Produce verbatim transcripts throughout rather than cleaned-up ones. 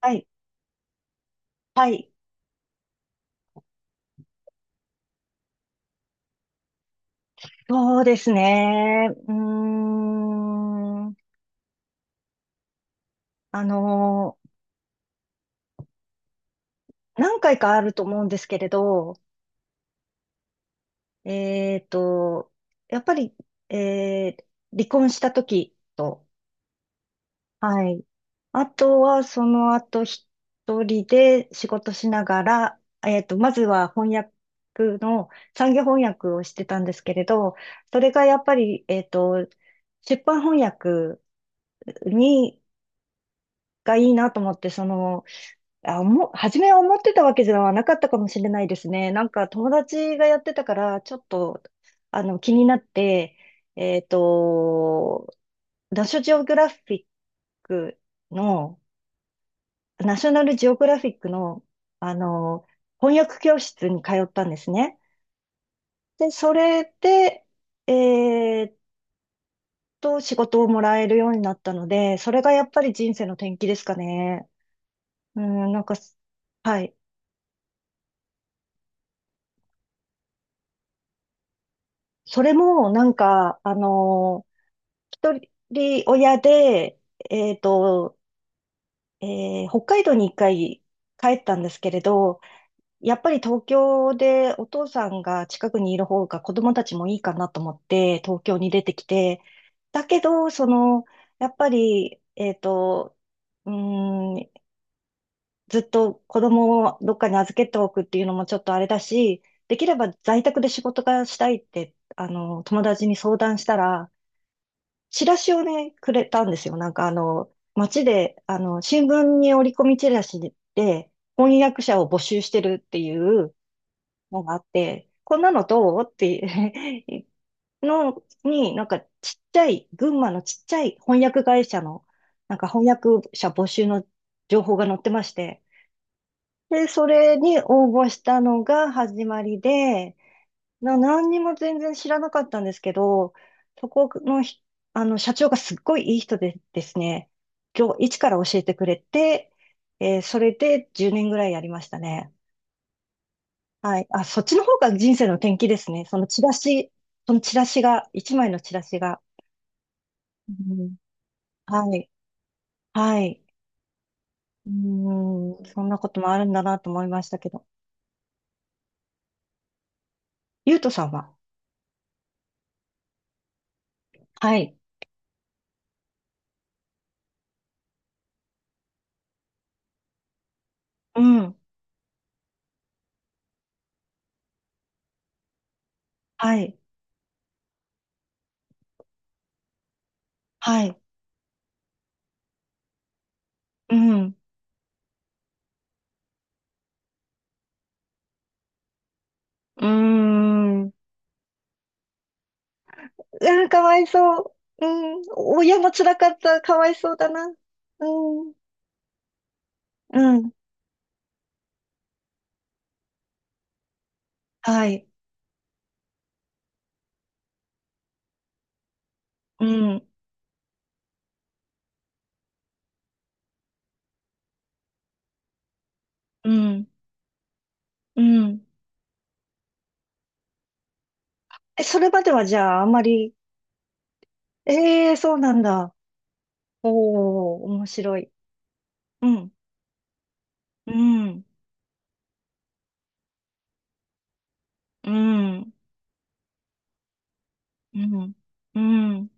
はい。はい。そうですね。うーん。あのー、何回かあると思うんですけれど、えっと、やっぱり、えー離婚した時と、はい。あとは、その後、一人で仕事しながら、えっと、まずは翻訳の、産業翻訳をしてたんですけれど、それがやっぱり、えっと、出版翻訳に、がいいなと思って、その、あ、もう、初めは思ってたわけじゃなかったかもしれないですね。なんか友達がやってたから、ちょっと、あの、気になって、えっと、ナショジオグラフィックの、ナショナルジオグラフィックの、あの、翻訳教室に通ったんですね。で、それで、えっと、仕事をもらえるようになったので、それがやっぱり人生の転機ですかね。うん、なんか、はい。それも、なんか、あの一人親で、えっと、えー北海道に一回帰ったんですけれど、やっぱり東京でお父さんが近くにいる方が子供たちもいいかなと思って東京に出てきて、だけど、その、やっぱり、えっと、うーん、ずっと子供をどっかに預けておくっていうのもちょっとあれだし、できれば在宅で仕事がしたいって、あの、友達に相談したら、チラシをね、くれたんですよ。なんかあの、街で、あの、新聞に折り込みチラシで、翻訳者を募集してるっていうのがあって、こんなのどうっていう のに、なんかちっちゃい、群馬のちっちゃい翻訳会社の、なんか翻訳者募集の情報が載ってまして、で、それに応募したのが始まりで、な、何にも全然知らなかったんですけど、そこのひ、あの、社長がすっごいいい人でですね、今日、一から教えてくれて、えーそれでじゅうねんぐらいやりましたね。はい。あ、そっちの方が人生の転機ですね。そのチラシ、そのチラシが、一枚のチラシが。うん、はい。はい。うん、そんなこともあるんだなと思いましたけど。ゆうとさんは？はい。うん。はい。はい。うん。うーん。うわー、かわいそう。うん。親も辛かった。かわいそうだな。うん。うん。はい。うん。うん。うん。え、それまではじゃあ、あまり？ええー、そうなんだ。おー、面白い。うん。うん。うん。うん。うん。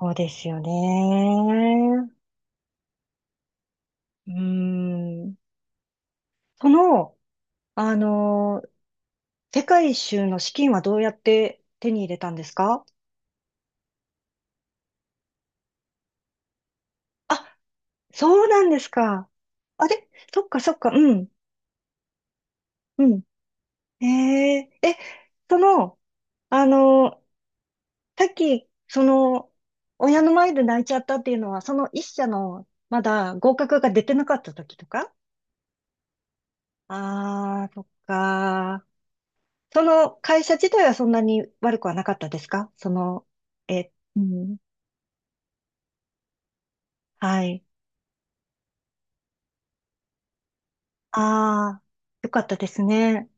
そうですよね。うーん。その、あの世界一周の資金はどうやって手に入れたんですか？あ、そうなんですか。あれ？そっかそっか、うん、うん。えええ、その、あの、さっき、その、親の前で泣いちゃったっていうのは、その一社の、まだ合格が出てなかった時とか？ああー、そっか。その会社自体はそんなに悪くはなかったですか？その、え、うん、はい。ああ、よかったですね。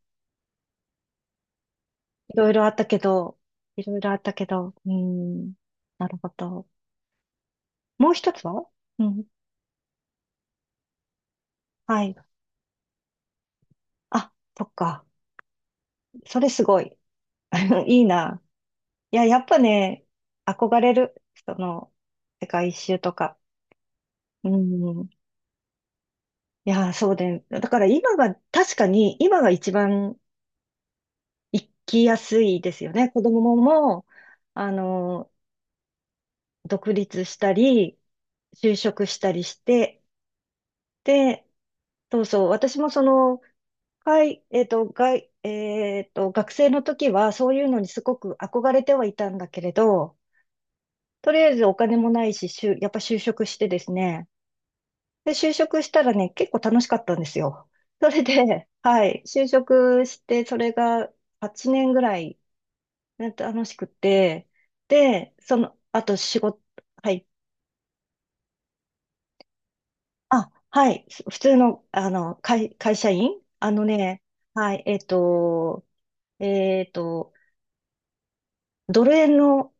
いろいろあったけど、いろいろあったけど、うん、なるほど。もう一つは？うん。はい。あ、そっか。それすごい。いいな。いや、やっぱね、憧れる。その、世界一周とか。うん。いや、そうで、だから今が、確かに今が一番行きやすいですよね。子供もも、あの、独立したり、就職したりして、で、そうそう、私もその、はい、えっと、がい、えっと、学生の時はそういうのにすごく憧れてはいたんだけれど、とりあえずお金もないし、しゅ、やっぱ就職してですね。で、就職したらね、結構楽しかったんですよ。それで、はい、就職して、それがはちねんぐらいなんか楽しくて、で、その、あと仕事、はい、あ、はい、す普通の、あの、会、会社員あのね、はい、えっと、えっと、ドル円の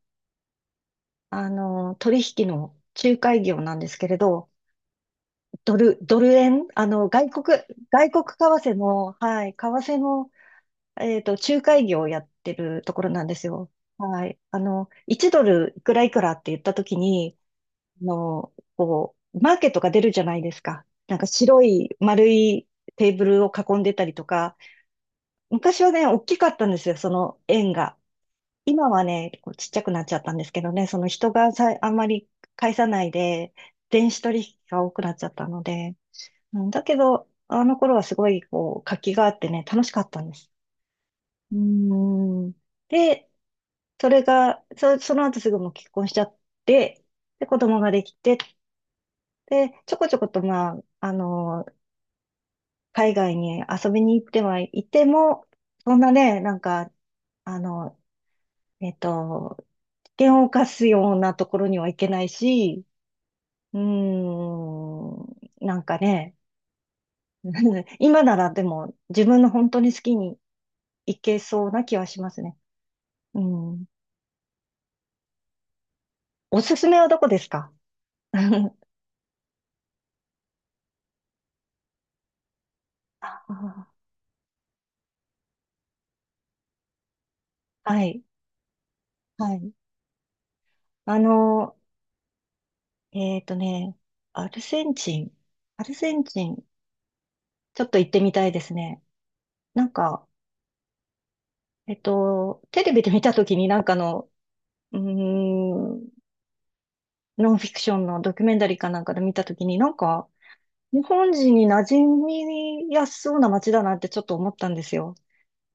あの、取引の仲介業なんですけれど、ドル、ドル円、あの、外国、外国為替の、はい、為替の、えっと、仲介業をやってるところなんですよ。はい。あの、いちドルドルいくらいくらって言ったときに、あの、こう、マーケットが出るじゃないですか。なんか白い丸いテーブルを囲んでたりとか、昔はね、大きかったんですよ、その円が。今はね、こうちっちゃくなっちゃったんですけどね、その人がさ、あんまり介さないで、電子取引が多くなっちゃったので、うん。だけど、あの頃はすごいこう活気があってね、楽しかったんです。うーん。で、それが、そ、その後すぐもう結婚しちゃって、で、子供ができて、で、ちょこちょこと、まあ、あの、海外に遊びに行ってはいても、そんなね、なんか、あの、えっと、険を冒すようなところには行けないし、うーん、なんかね、今ならでも自分の本当に好きに行けそうな気はしますね。うん。おすすめはどこですか？ ああ、はい、はい。あの、えっとね、アルゼンチン。アルゼンチン、ちょっと行ってみたいですね。なんか、えっと、テレビで見たときになんかの、うーん、ノンフィクションのドキュメンタリーかなんかで見たときに、なんか、日本人に馴染みやすそうな街だなってちょっと思ったんですよ。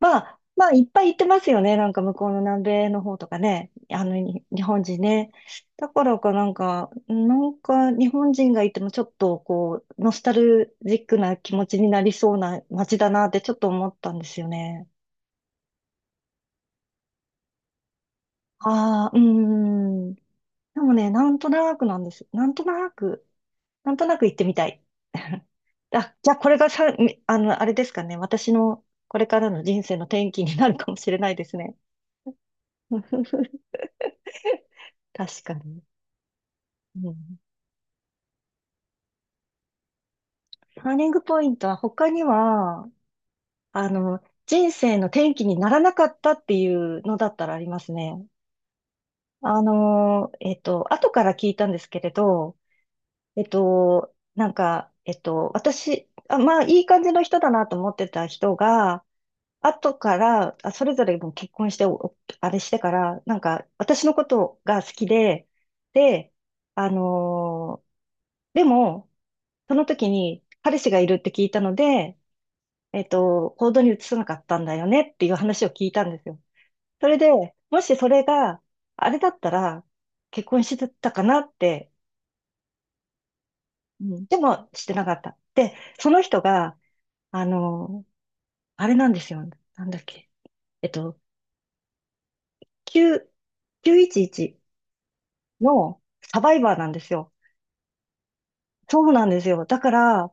まあ、まあ、いっぱい行ってますよね。なんか向こうの南米の方とかね。あの、に日本人ね。だからかなんか、なんか日本人がいてもちょっとこう、ノスタルジックな気持ちになりそうな街だなってちょっと思ったんですよね。ああ、うーん。でもね、なんとなくなんです。なんとなく。なんとなく行ってみたい。あ、じゃあこれがさ、みあの、あれですかね。私のこれからの人生の転機になるかもしれないですね。確かに。うん。ターニングポイントは他には、あの、人生の転機にならなかったっていうのだったらありますね。あの、えっと、後から聞いたんですけれど、えっと、なんか、えっと、私、あ、まあ、いい感じの人だなと思ってた人が、後から、あ、それぞれもう結婚して、おおあれしてから、なんか、私のことが好きで、で、あのーでも、その時に彼氏がいるって聞いたので、えっと、行動に移さなかったんだよねっていう話を聞いたんですよ。それで、もしそれがあれだったら、結婚してたかなって、うん。でもしてなかった。で、その人が、あのーあれなんですよ。なんだっけ。えっと、きゅう、きゅういちいちのサバイバーなんですよ。そうなんですよ。だから、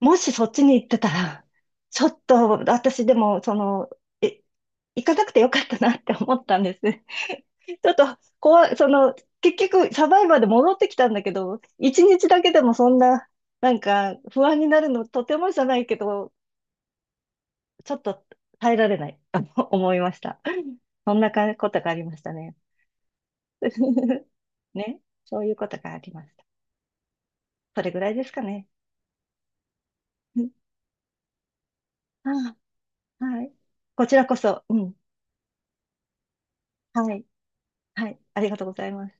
もしそっちに行ってたら、ちょっと私でも、その、え、行かなくてよかったなって思ったんです。ちょっと怖い、その、結局サバイバーで戻ってきたんだけど、一日だけでもそんな、なんか不安になるのとてもじゃないけど、ちょっと耐えられない、あの思いました。そんなかことがありましたね。ね、そういうことがありました。それぐらいですかね。あ、はい。こちらこそ、うん。はい。はい。ありがとうございます。